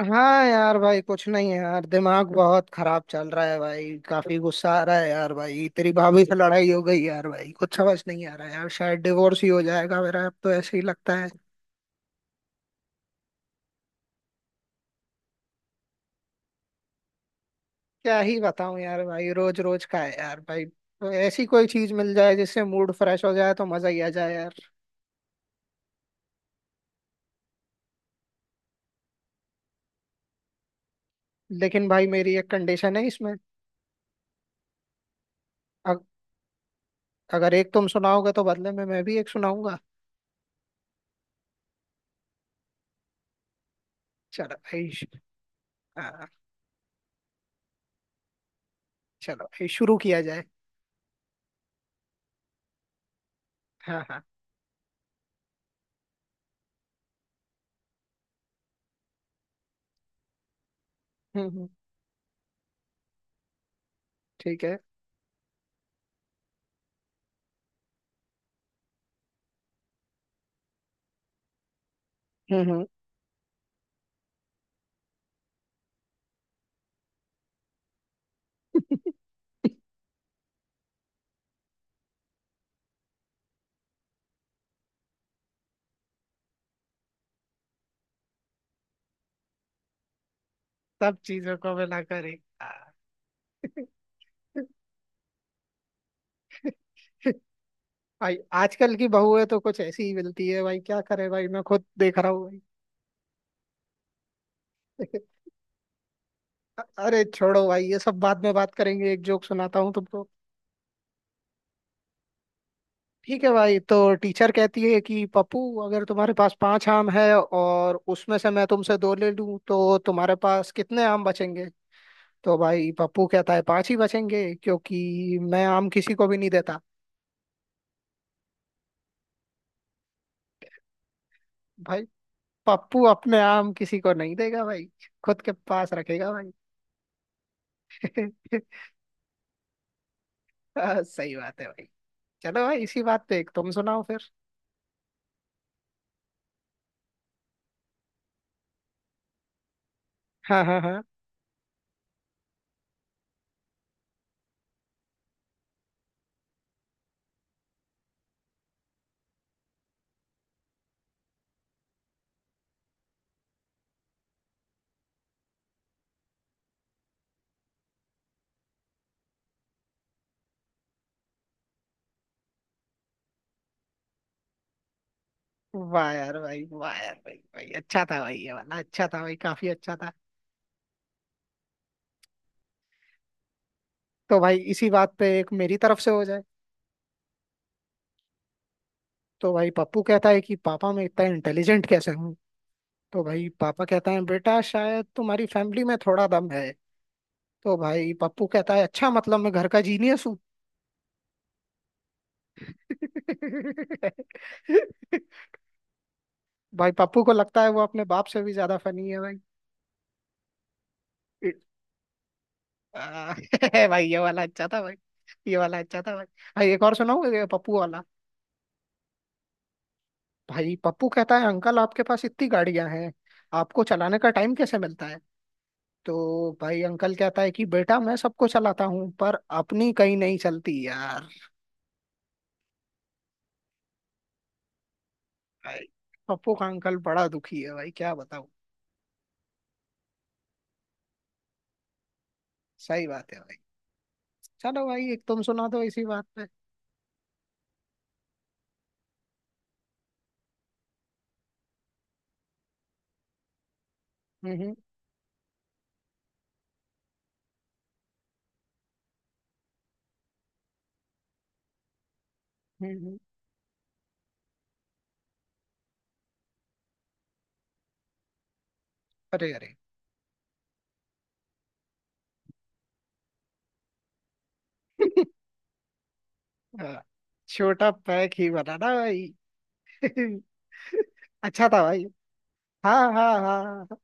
हाँ यार, भाई कुछ नहीं है यार। दिमाग बहुत खराब चल रहा है भाई। काफी गुस्सा आ रहा है यार। भाई तेरी भाभी से लड़ाई हो गई यार। भाई कुछ समझ नहीं आ रहा है यार। शायद डिवोर्स ही हो जाएगा मेरा, अब तो ऐसे ही लगता है। क्या ही बताऊं यार भाई, रोज रोज का है यार भाई। तो ऐसी कोई चीज मिल जाए जिससे मूड फ्रेश हो जाए तो मजा ही आ जाए यार। लेकिन भाई मेरी एक कंडीशन है इसमें। अग, अगर एक तुम सुनाओगे तो बदले में मैं भी एक सुनाऊंगा। चलो भाई हाँ, चलो भाई शुरू किया जाए। हाँ हाँ। हम्म हम्म, ठीक है। हम्म। सब चीजों को मिलाकर एक हाँ। भाई आजकल की बहुएं तो कुछ ऐसी ही मिलती है भाई, क्या करे भाई, मैं खुद देख रहा हूँ। भाई अरे छोड़ो भाई, ये सब बाद में बात करेंगे। एक जोक सुनाता हूँ तुमको। ठीक है भाई, तो टीचर कहती है कि पप्पू, अगर तुम्हारे पास पांच आम है और उसमें से मैं तुमसे दो ले लूं तो तुम्हारे पास कितने आम बचेंगे? तो भाई पप्पू कहता है पांच ही बचेंगे क्योंकि मैं आम किसी को भी नहीं देता। भाई पप्पू अपने आम किसी को नहीं देगा भाई, खुद के पास रखेगा भाई। हाँ, सही बात है भाई। चलो भाई इसी बात पे एक तुम सुनाओ फिर। हाँ हाँ हाँ। वाह यार भाई, वाह यार भाई, भाई अच्छा था भाई, ये वाला अच्छा था भाई, काफी अच्छा था। तो भाई इसी बात पे एक मेरी तरफ से हो जाए। तो भाई पप्पू कहता है कि पापा, मैं इतना इंटेलिजेंट कैसे हूँ? तो भाई पापा कहता है बेटा, शायद तुम्हारी फैमिली में थोड़ा दम है। तो भाई पप्पू कहता है अच्छा, मतलब मैं घर का जीनियस हूँ। भाई पप्पू को लगता है वो अपने बाप से भी ज्यादा फनी है भाई। इ- आ, भाई ये वाला अच्छा था भाई, ये वाला अच्छा था भाई, भाई एक और सुनाओ ये पप्पू वाला। भाई पप्पू कहता है अंकल आपके पास इतनी गाड़ियां हैं, आपको चलाने का टाइम कैसे मिलता है? तो भाई अंकल कहता है कि बेटा, मैं सबको चलाता हूँ पर अपनी कहीं नहीं चलती यार। भाई पप्पू का अंकल बड़ा दुखी है भाई, क्या बताऊँ। सही बात है भाई। चलो भाई एक तुम सुना दो इसी बात पे। हम्म हम्म हम्म हम्म। अरे अरे। हाँ, छोटा पैक ही बनाना भाई। अच्छा था भाई। हाँ हाँ हाँ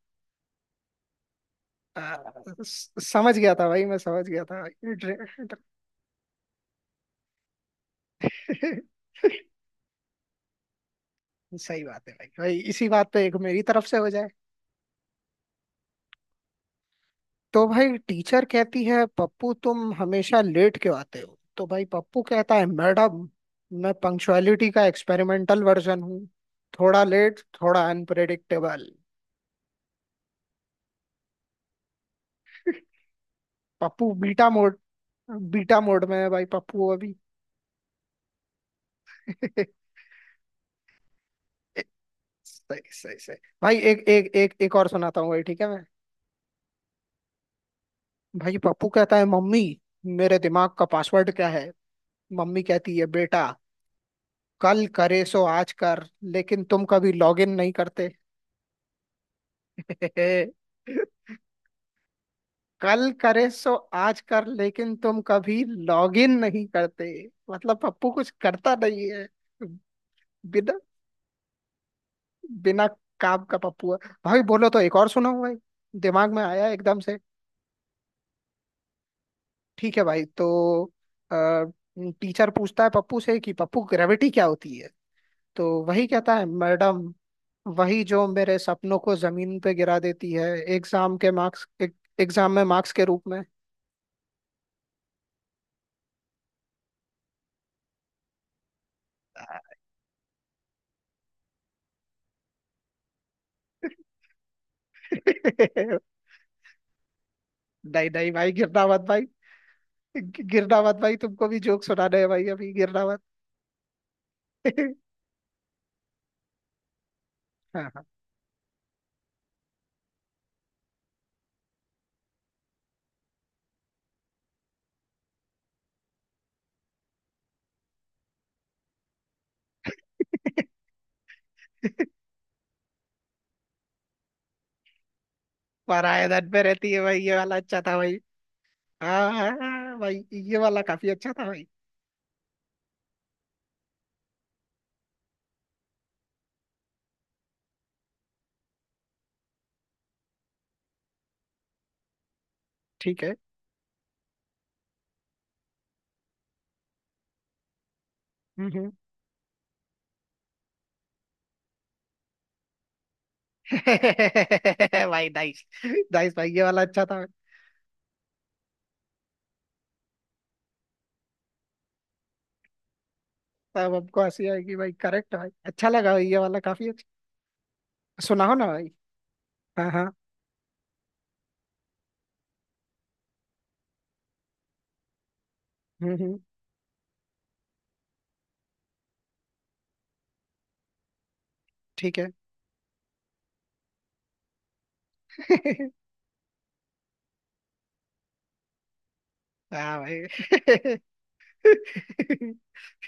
हाँ, समझ गया था भाई, मैं समझ गया था। भाई ड्रे- ड्रे- सही बात है भाई, भाई इसी बात पे एक मेरी तरफ से हो जाए। तो भाई टीचर कहती है पप्पू तुम हमेशा लेट क्यों आते हो? तो भाई पप्पू कहता है मैडम, मैं पंक्चुअलिटी का एक्सपेरिमेंटल वर्जन हूँ, थोड़ा लेट थोड़ा unpredictable. Pappu beta mode, beta mode में है भाई पप्पू अभी। सही सही सही। भाई एक एक एक एक और सुनाता हूँ भाई, ठीक है मैं। भाई पप्पू कहता है मम्मी, मेरे दिमाग का पासवर्ड क्या है? मम्मी कहती है बेटा, कल करे सो आज कर लेकिन तुम कभी लॉगिन नहीं करते। कल करे सो आज कर लेकिन तुम कभी लॉगिन नहीं करते, मतलब पप्पू कुछ करता नहीं है। बिना बिना काम का पप्पू है। भाई बोलो तो एक और सुनाऊं भाई, दिमाग में आया एकदम से। ठीक है भाई, तो टीचर पूछता है पप्पू से कि पप्पू ग्रेविटी क्या होती है? तो वही कहता है मैडम, वही जो मेरे सपनों को जमीन पे गिरा देती है, एग्जाम के मार्क्स, एग्जाम में मार्क्स के रूप में। नहीं नहीं भाई गिरना मत भाई, गिरना मत भाई, तुमको भी जोक सुनाने है भाई, अभी गिरना मत। हाँ हाँ। पराये धन पे रहती है भाई, ये वाला अच्छा था भाई। हाँ हाँ हाँ, भाई ये वाला काफी अच्छा था भाई। ठीक है। हम्म हम्म। भाई नाइस, नाइस भाई ये वाला अच्छा था भाई। तब हमको हंसी आएगी भाई, करेक्ट भाई, अच्छा लगा भाई ये वाला काफी अच्छा। सुनाओ ना भाई। हाँ हाँ। हम्म। ठीक है। हाँ भाई।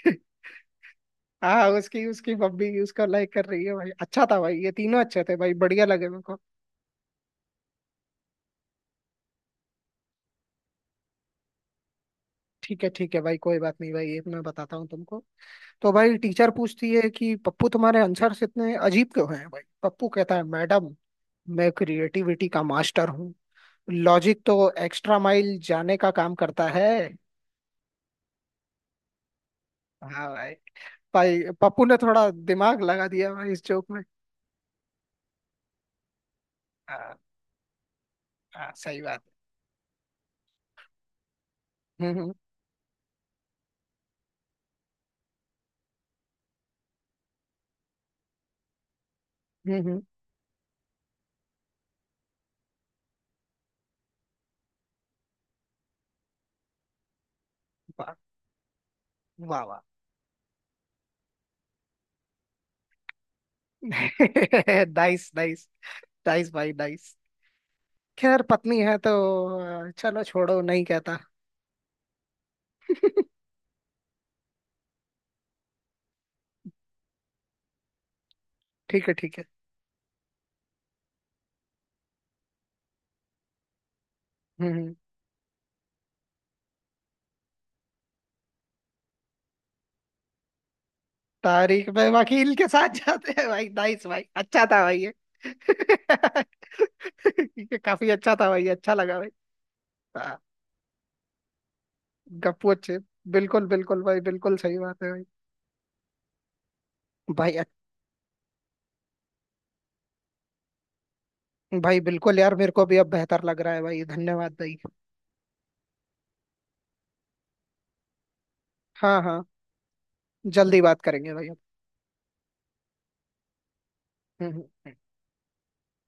हाँ, उसकी उसकी मम्मी उसको लाइक कर रही है भाई, अच्छा था भाई, ये तीनों अच्छे थे भाई, बढ़िया लगे मेरे को। ठीक है भाई, कोई बात नहीं भाई, एक मैं बताता हूँ तुमको। तो भाई टीचर पूछती है कि पप्पू तुम्हारे आंसर्स इतने अजीब क्यों हैं? भाई पप्पू कहता है मैडम, मैं क्रिएटिविटी का मास्टर हूँ। लॉजिक तो एक्स्ट्रा माइल जाने का काम करता है। हाँ भाई, भाई पप्पू ने थोड़ा दिमाग लगा दिया भाई इस जोक में। हाँ हाँ सही बात है। हम्म, वाह वाह वाह। नाइस नाइस, नाइस भाई नाइस। खैर पत्नी है तो चलो छोड़ो, नहीं कहता। ठीक है ठीक है। हम्म। तारीख में वकील के साथ जाते हैं भाई, नाइस भाई, अच्छा था भाई ये। ये काफी अच्छा था भाई, अच्छा लगा भाई। गप्पू अच्छे, बिल्कुल बिल्कुल भाई, बिल्कुल सही बात है भाई। भाई भाई बिल्कुल यार, मेरे को भी अब बेहतर लग रहा है भाई, धन्यवाद भाई। हाँ हाँ, जल्दी बात करेंगे भाई अब। हम्म हम्म।